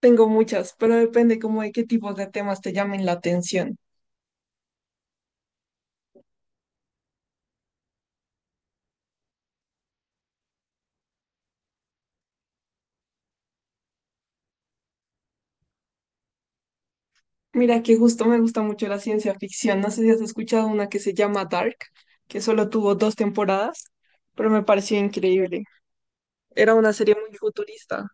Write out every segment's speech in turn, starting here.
Tengo muchas, pero depende como de qué tipos de temas te llamen la atención. Mira que justo me gusta mucho la ciencia ficción. No sé si has escuchado una que se llama Dark, que solo tuvo dos temporadas, pero me pareció increíble. Era una serie muy futurista.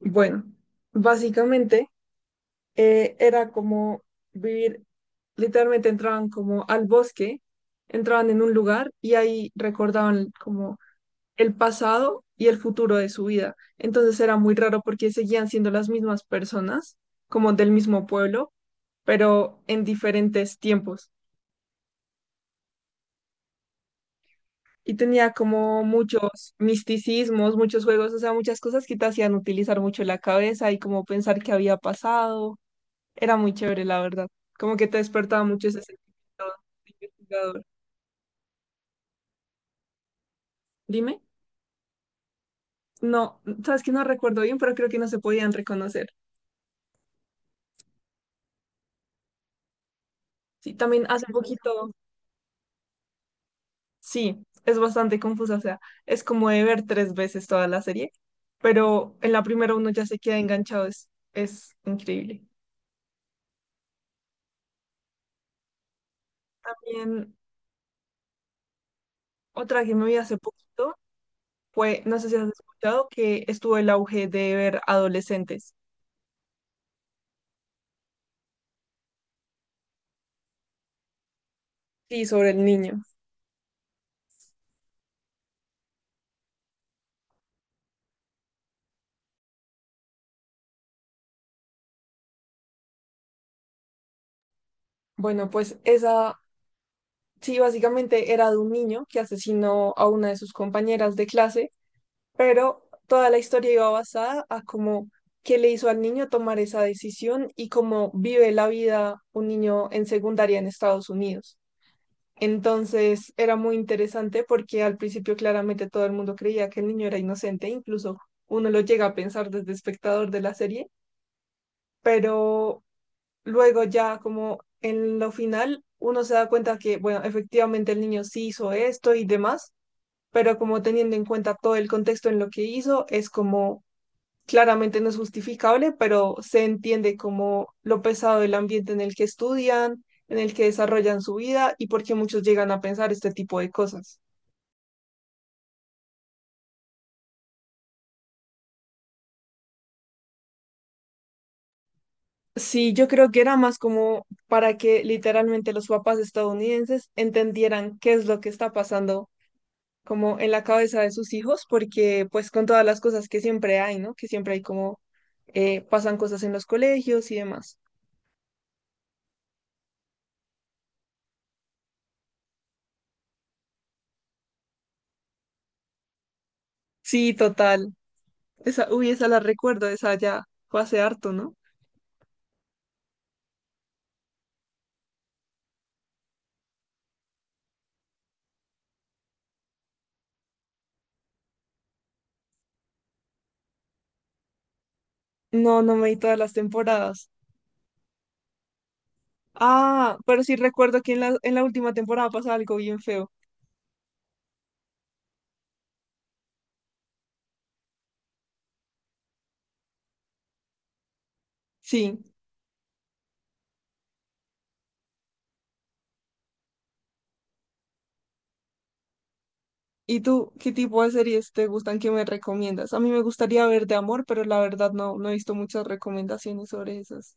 Bueno, básicamente era como vivir, literalmente entraban como al bosque, entraban en un lugar y ahí recordaban como el pasado y el futuro de su vida. Entonces era muy raro porque seguían siendo las mismas personas, como del mismo pueblo, pero en diferentes tiempos. Y tenía como muchos misticismos, muchos juegos, o sea, muchas cosas que te hacían utilizar mucho la cabeza y como pensar qué había pasado. Era muy chévere, la verdad. Como que te despertaba mucho ese sentimiento de investigador. Dime. No, sabes que no recuerdo bien, pero creo que no se podían reconocer. Sí, también hace poquito, sí, es bastante confusa, o sea, es como de ver tres veces toda la serie, pero en la primera uno ya se queda enganchado, es increíble. También otra que me vi hace poquito fue, no sé si has escuchado, que estuvo el auge de ver adolescentes. Sí, sobre el niño. Bueno, pues esa, sí, básicamente era de un niño que asesinó a una de sus compañeras de clase, pero toda la historia iba basada a cómo qué le hizo al niño tomar esa decisión y cómo vive la vida un niño en secundaria en Estados Unidos. Entonces era muy interesante porque al principio claramente todo el mundo creía que el niño era inocente, incluso uno lo llega a pensar desde espectador de la serie, pero luego ya como en lo final uno se da cuenta que, bueno, efectivamente el niño sí hizo esto y demás, pero como teniendo en cuenta todo el contexto en lo que hizo, es como claramente no es justificable, pero se entiende como lo pesado del ambiente en el que estudian, en el que desarrollan su vida y por qué muchos llegan a pensar este tipo de cosas. Sí, yo creo que era más como para que literalmente los papás estadounidenses entendieran qué es lo que está pasando como en la cabeza de sus hijos, porque pues con todas las cosas que siempre hay, ¿no? Que siempre hay como pasan cosas en los colegios y demás. Sí, total. Esa, uy, esa la recuerdo, esa ya fue hace harto, ¿no? No, no me vi todas las temporadas. Ah, pero sí recuerdo que en la última temporada pasa algo bien feo. Sí. ¿Y tú qué tipo de series te gustan que me recomiendas? A mí me gustaría ver de amor, pero la verdad no, no he visto muchas recomendaciones sobre esas.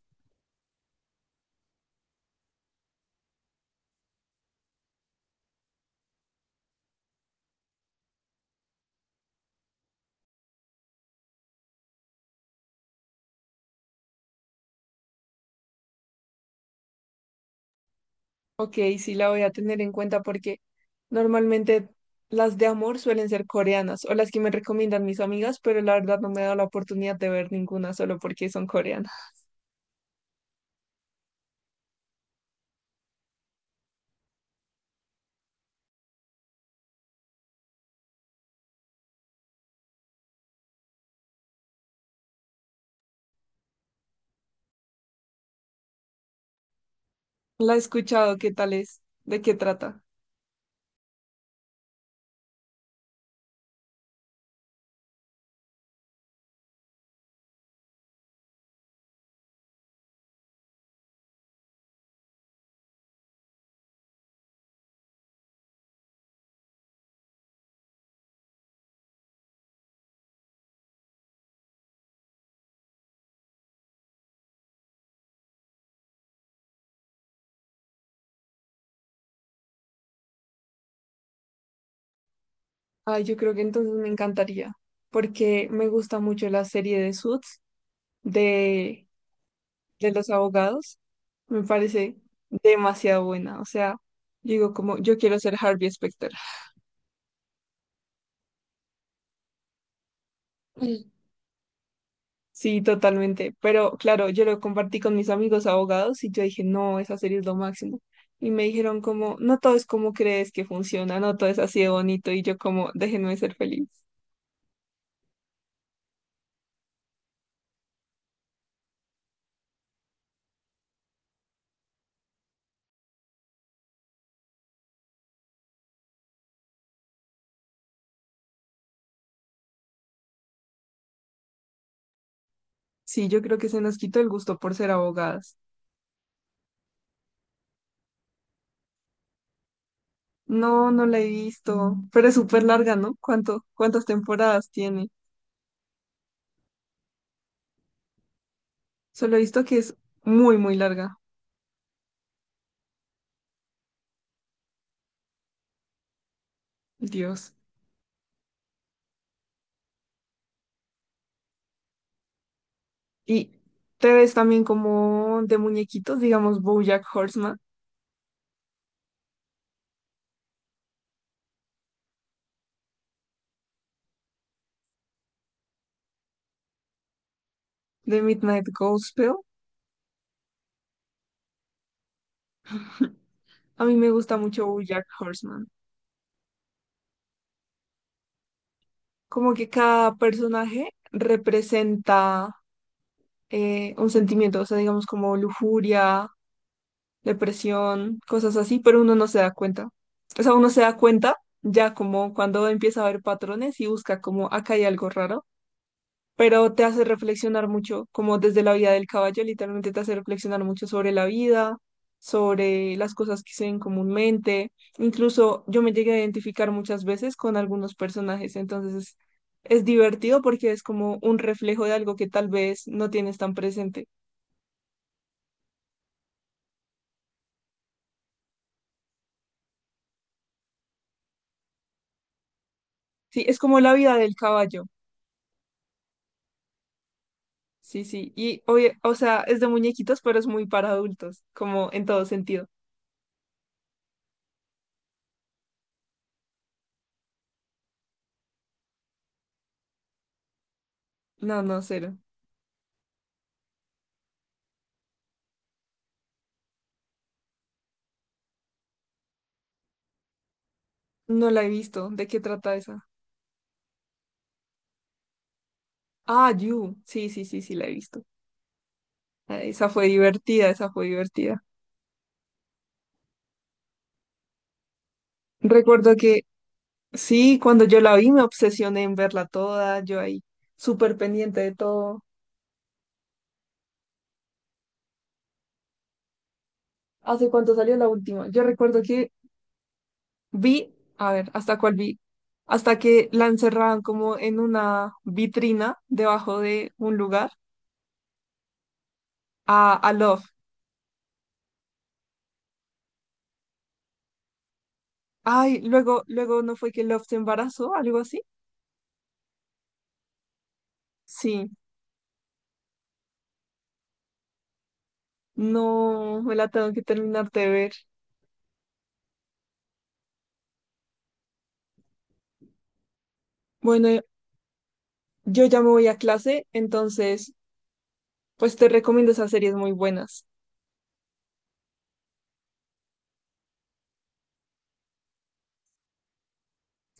Ok, sí la voy a tener en cuenta porque normalmente las de amor suelen ser coreanas o las que me recomiendan mis amigas, pero la verdad no me he dado la oportunidad de ver ninguna solo porque son coreanas. La he escuchado, ¿qué tal es? ¿De qué trata? Ay, yo creo que entonces me encantaría porque me gusta mucho la serie de Suits, de de los abogados me parece demasiado buena. O sea, digo como, yo quiero ser Harvey Specter. Mm. Sí, totalmente. Pero claro, yo lo compartí con mis amigos abogados y yo dije, no, esa serie es lo máximo. Y me dijeron como, no todo es como crees que funciona, no todo es así de bonito. Y yo como, déjenme ser feliz. Sí, yo creo que se nos quitó el gusto por ser abogadas. No, no la he visto, pero es súper larga, ¿no? ¿Cuánto, cuántas temporadas tiene? Solo he visto que es muy, muy larga. Dios. Y te ves también como de muñequitos, digamos BoJack Horseman, de Midnight Gospel. A mí me gusta mucho BoJack Horseman. Como que cada personaje representa un sentimiento, o sea, digamos como lujuria, depresión, cosas así, pero uno no se da cuenta. O sea, uno se da cuenta ya como cuando empieza a ver patrones y busca como acá hay algo raro. Pero te hace reflexionar mucho, como desde la vida del caballo, literalmente te hace reflexionar mucho sobre la vida, sobre las cosas que se ven comúnmente. Incluso yo me llegué a identificar muchas veces con algunos personajes, entonces es divertido porque es como un reflejo de algo que tal vez no tienes tan presente. Sí, es como la vida del caballo. Sí, sí, y oye, o sea, es de muñequitos, pero es muy para adultos, como en todo sentido. No, no, cero. No la he visto. ¿De qué trata esa? Ah, You. Sí, sí, sí, sí, la he visto. Ah, esa fue divertida, esa fue divertida. Recuerdo que sí, cuando yo la vi me obsesioné en verla toda, yo ahí súper pendiente de todo. ¿Hace cuánto salió la última? Yo recuerdo que vi, a ver, ¿hasta cuál vi? Hasta que la encerraban como en una vitrina debajo de un lugar a Love. Ay, luego, luego no fue que Love se embarazó, algo así. Sí, no, me la tengo que terminar de ver. Bueno, yo ya me voy a clase, entonces... Pues te recomiendo esas series muy buenas.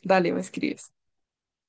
Dale, me escribes.